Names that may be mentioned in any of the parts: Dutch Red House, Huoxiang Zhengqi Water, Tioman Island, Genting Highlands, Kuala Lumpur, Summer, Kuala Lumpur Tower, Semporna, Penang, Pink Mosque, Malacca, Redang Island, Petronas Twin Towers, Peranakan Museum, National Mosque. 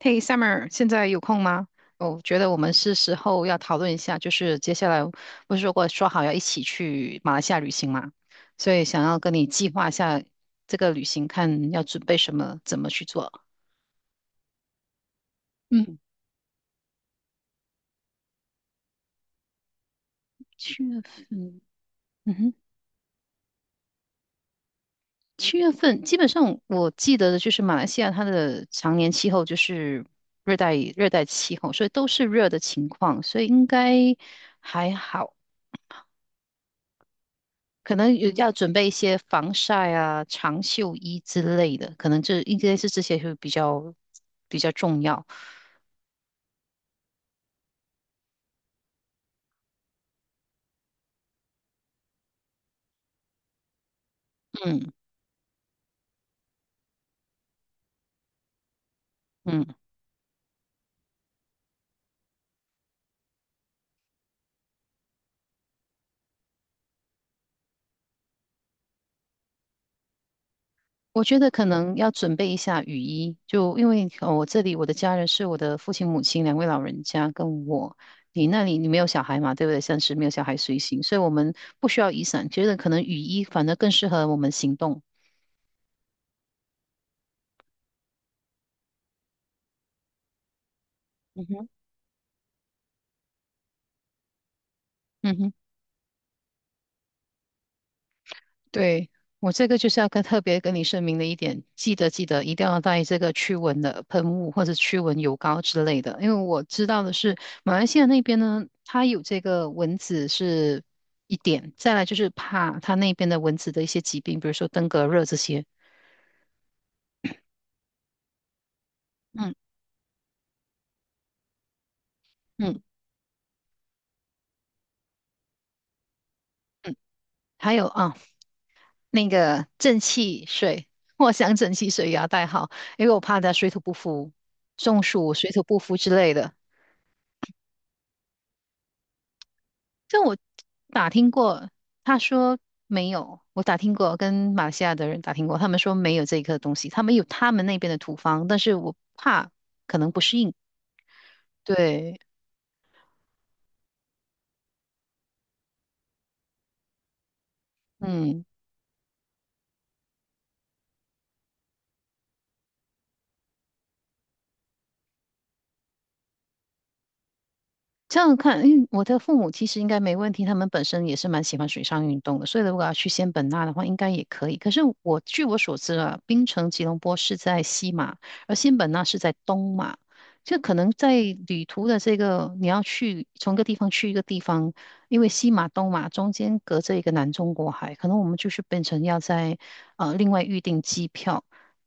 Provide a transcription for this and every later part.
嘿，Summer，现在有空吗？我觉得我们是时候要讨论一下，就是接下来不是说过说好要一起去马来西亚旅行嘛，所以想要跟你计划一下这个旅行，看要准备什么，怎么去做。嗯，七月份，嗯哼，七月份基本上我记得的就是马来西亚它的常年气候就是热带气候，所以都是热的情况，所以应该还好。可能有要准备一些防晒啊、长袖衣之类的，可能这应该是这些会比较重要。嗯嗯，我觉得可能要准备一下雨衣，就因为我这里我的家人是我的父亲、母亲两位老人家跟我。你那里你没有小孩嘛，对不对？暂时没有小孩随行，所以我们不需要雨伞，觉得可能雨衣反而更适合我们行动。嗯哼，嗯哼。对，我这个就是要跟特别跟你声明的一点，记得记得一定要带这个驱蚊的喷雾或者驱蚊油膏之类的，因为我知道的是马来西亚那边呢，它有这个蚊子是一点，再来就是怕它那边的蚊子的一些疾病，比如说登革热这些。嗯嗯嗯，还有啊，那个正气水，藿香正气水也要带好，因为我怕它水土不服、中暑、水土不服之类的。就我打听过，他说没有。我打听过，跟马来西亚的人打听过，他们说没有这一个东西，他们有他们那边的土方，但是我怕可能不适应。对，嗯。这样看，因为我的父母其实应该没问题，他们本身也是蛮喜欢水上运动的，所以如果要去仙本那的话，应该也可以。可是我据我所知啊，槟城吉隆坡是在西马，而仙本那是在东马，就可能在旅途的这个你要去从一个地方去一个地方，因为西马东马中间隔着一个南中国海，可能我们就是变成要在另外预订机票。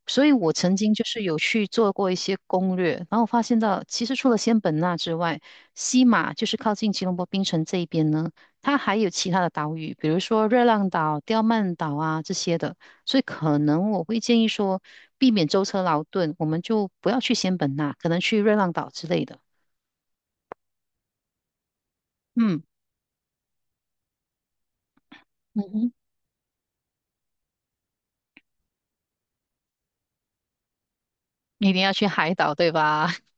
所以我曾经就是有去做过一些攻略，然后发现到其实除了仙本那之外，西马就是靠近吉隆坡槟城这一边呢，它还有其他的岛屿，比如说热浪岛、刁曼岛啊这些的，所以可能我会建议说，避免舟车劳顿，我们就不要去仙本那，可能去热浪岛之类的。嗯嗯哼，一定要去海岛，对吧？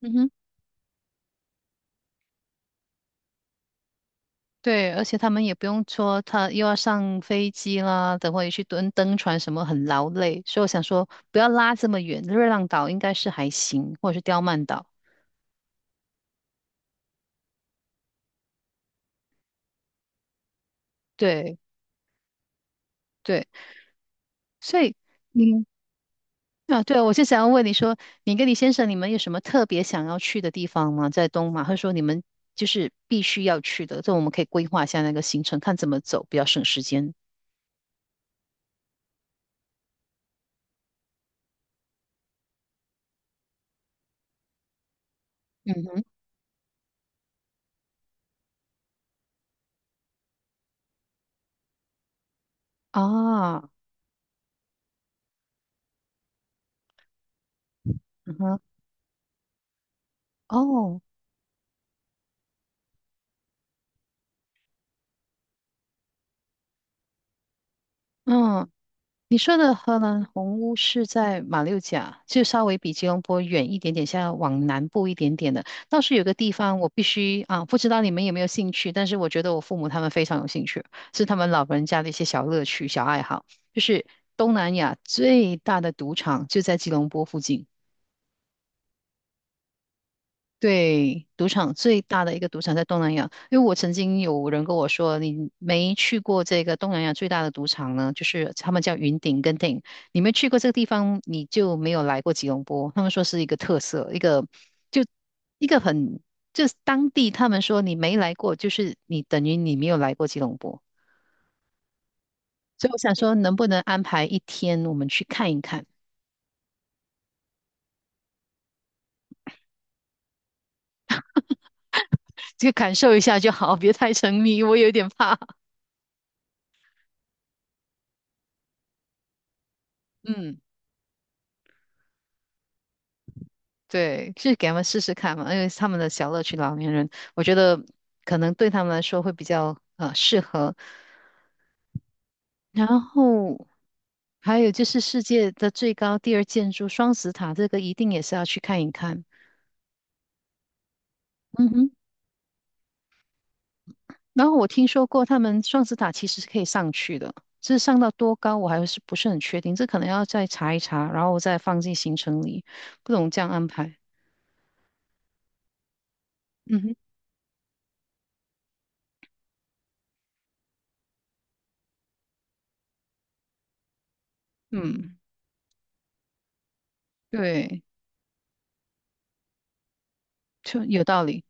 嗯哼，对，而且他们也不用说他又要上飞机啦，等会去蹲登船什么很劳累，所以我想说不要拉这么远，热浪岛应该是还行，或者是刁曼岛。对。对。所以你啊，对啊，我就想要问你说，你跟你先生你们有什么特别想要去的地方吗？在东马，或者说你们就是必须要去的，这我们可以规划一下那个行程，看怎么走比较省时间。嗯哼，啊，嗯哼，哦，嗯。你说的荷兰红屋是在马六甲，就稍微比吉隆坡远一点点，像往南部一点点的。倒是有个地方我必须啊，不知道你们有没有兴趣，但是我觉得我父母他们非常有兴趣，是他们老人家的一些小乐趣、小爱好。就是东南亚最大的赌场就在吉隆坡附近，对，赌场最大的一个赌场在东南亚，因为我曾经有人跟我说，你没去过这个东南亚最大的赌场呢，就是他们叫云顶跟顶，你没去过这个地方，你就没有来过吉隆坡。他们说是一个特色，一个就一个很，就是当地他们说你没来过，就是你等于你没有来过吉隆坡。所以我想说，能不能安排一天我们去看一看，就感受一下就好，别太沉迷，我有点怕。嗯。对，去给他们试试看嘛，因为他们的小乐趣，老年人，我觉得可能对他们来说会比较适合。然后还有就是世界的最高第二建筑双子塔，这个一定也是要去看一看。嗯哼，然后我听说过他们双子塔其实是可以上去的，这上到多高我还是不是很确定，这可能要再查一查，然后我再放进行程里，不懂这样安排。嗯哼，嗯，对，就有道理。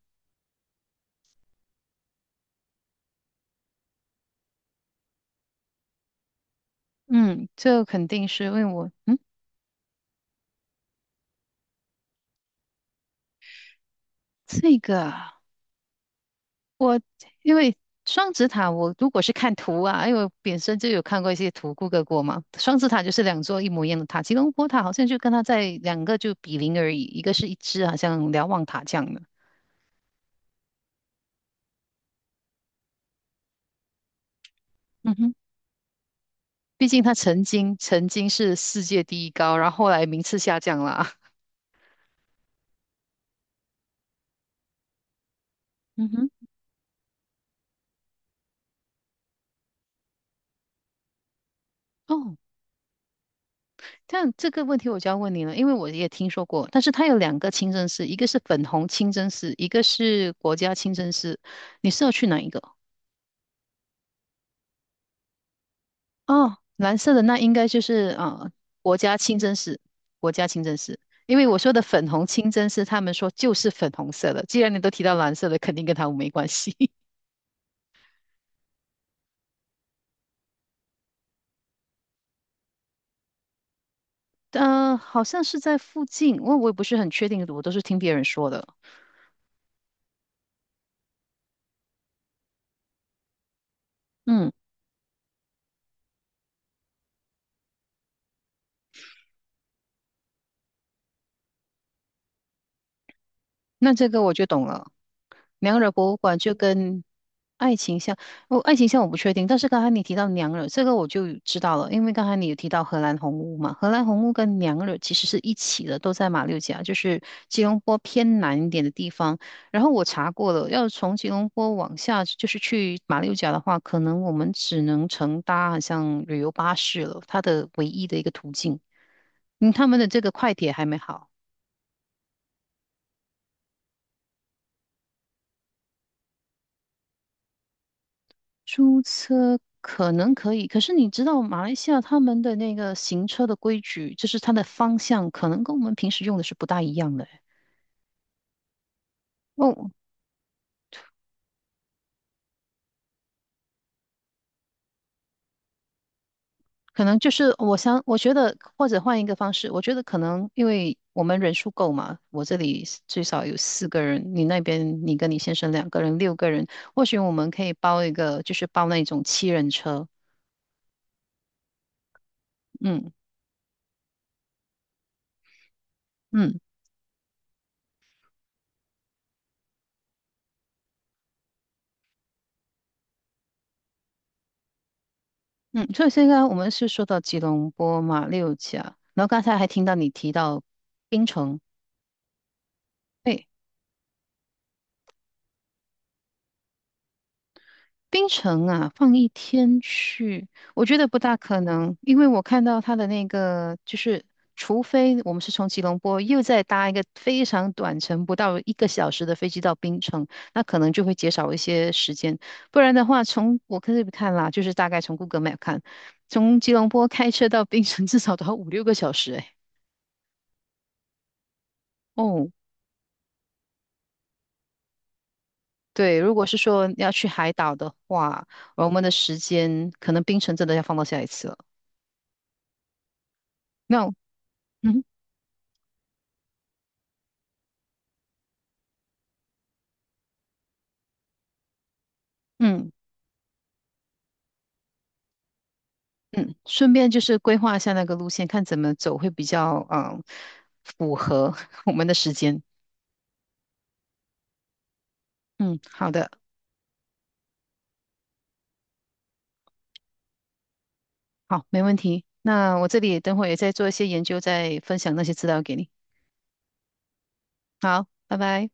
嗯，这肯定是因为我嗯。这个啊我因为双子塔，我如果是看图啊，因为我本身就有看过一些图，Google 过嘛。双子塔就是两座一模一样的塔，吉隆坡塔好像就跟它在两个就比邻而已，一个是一只好像瞭望塔这样的。嗯哼，毕竟它曾经是世界第一高，然后后来名次下降了啊嗯哼，哦，但这个问题我就要问你了，因为我也听说过，但是它有两个清真寺，一个是粉红清真寺，一个是国家清真寺，你是要去哪一个？哦，蓝色的那应该就是国家清真寺，国家清真寺。因为我说的粉红清真寺，他们说就是粉红色的。既然你都提到蓝色的，肯定跟他们没关系。呃，好像是在附近，我也不是很确定，我都是听别人说的。嗯。那这个我就懂了。娘惹博物馆就跟爱情像，哦，爱情像我不确定，但是刚才你提到娘惹，这个我就知道了，因为刚才你有提到荷兰红屋嘛，荷兰红屋跟娘惹其实是一起的，都在马六甲，就是吉隆坡偏南一点的地方。然后我查过了，要从吉隆坡往下就是去马六甲的话，可能我们只能乘搭好像旅游巴士了，它的唯一的一个途径。嗯，他们的这个快铁还没好。租车可能可以，可是你知道马来西亚他们的那个行车的规矩，就是它的方向可能跟我们平时用的是不大一样的欸哦，可能就是我想，我觉得或者换一个方式，我觉得可能因为我们人数够嘛，我这里是最少有4个人，你那边你跟你先生2个人，6个人，或许我们可以包一个，就是包那种7人车。嗯嗯嗯，所以现在我们是说到吉隆坡嘛马六甲，然后刚才还听到你提到槟城。对，槟城啊，放一天去，我觉得不大可能，因为我看到他的那个，就是除非我们是从吉隆坡又再搭一个非常短程，不到1个小时的飞机到槟城，那可能就会减少一些时间。不然的话，从我可以看啦，就是大概从 Google Map 看，从吉隆坡开车到槟城 至少都要5、6个小时诶。哦，对，如果是说要去海岛的话，我们的时间可能槟城真的要放到下一次了。那嗯。嗯，嗯，顺便就是规划一下那个路线，看怎么走会比较嗯符合 我们的时间。嗯，好的，好，没问题。那我这里等会也再做一些研究，再分享那些资料给你。好，拜拜。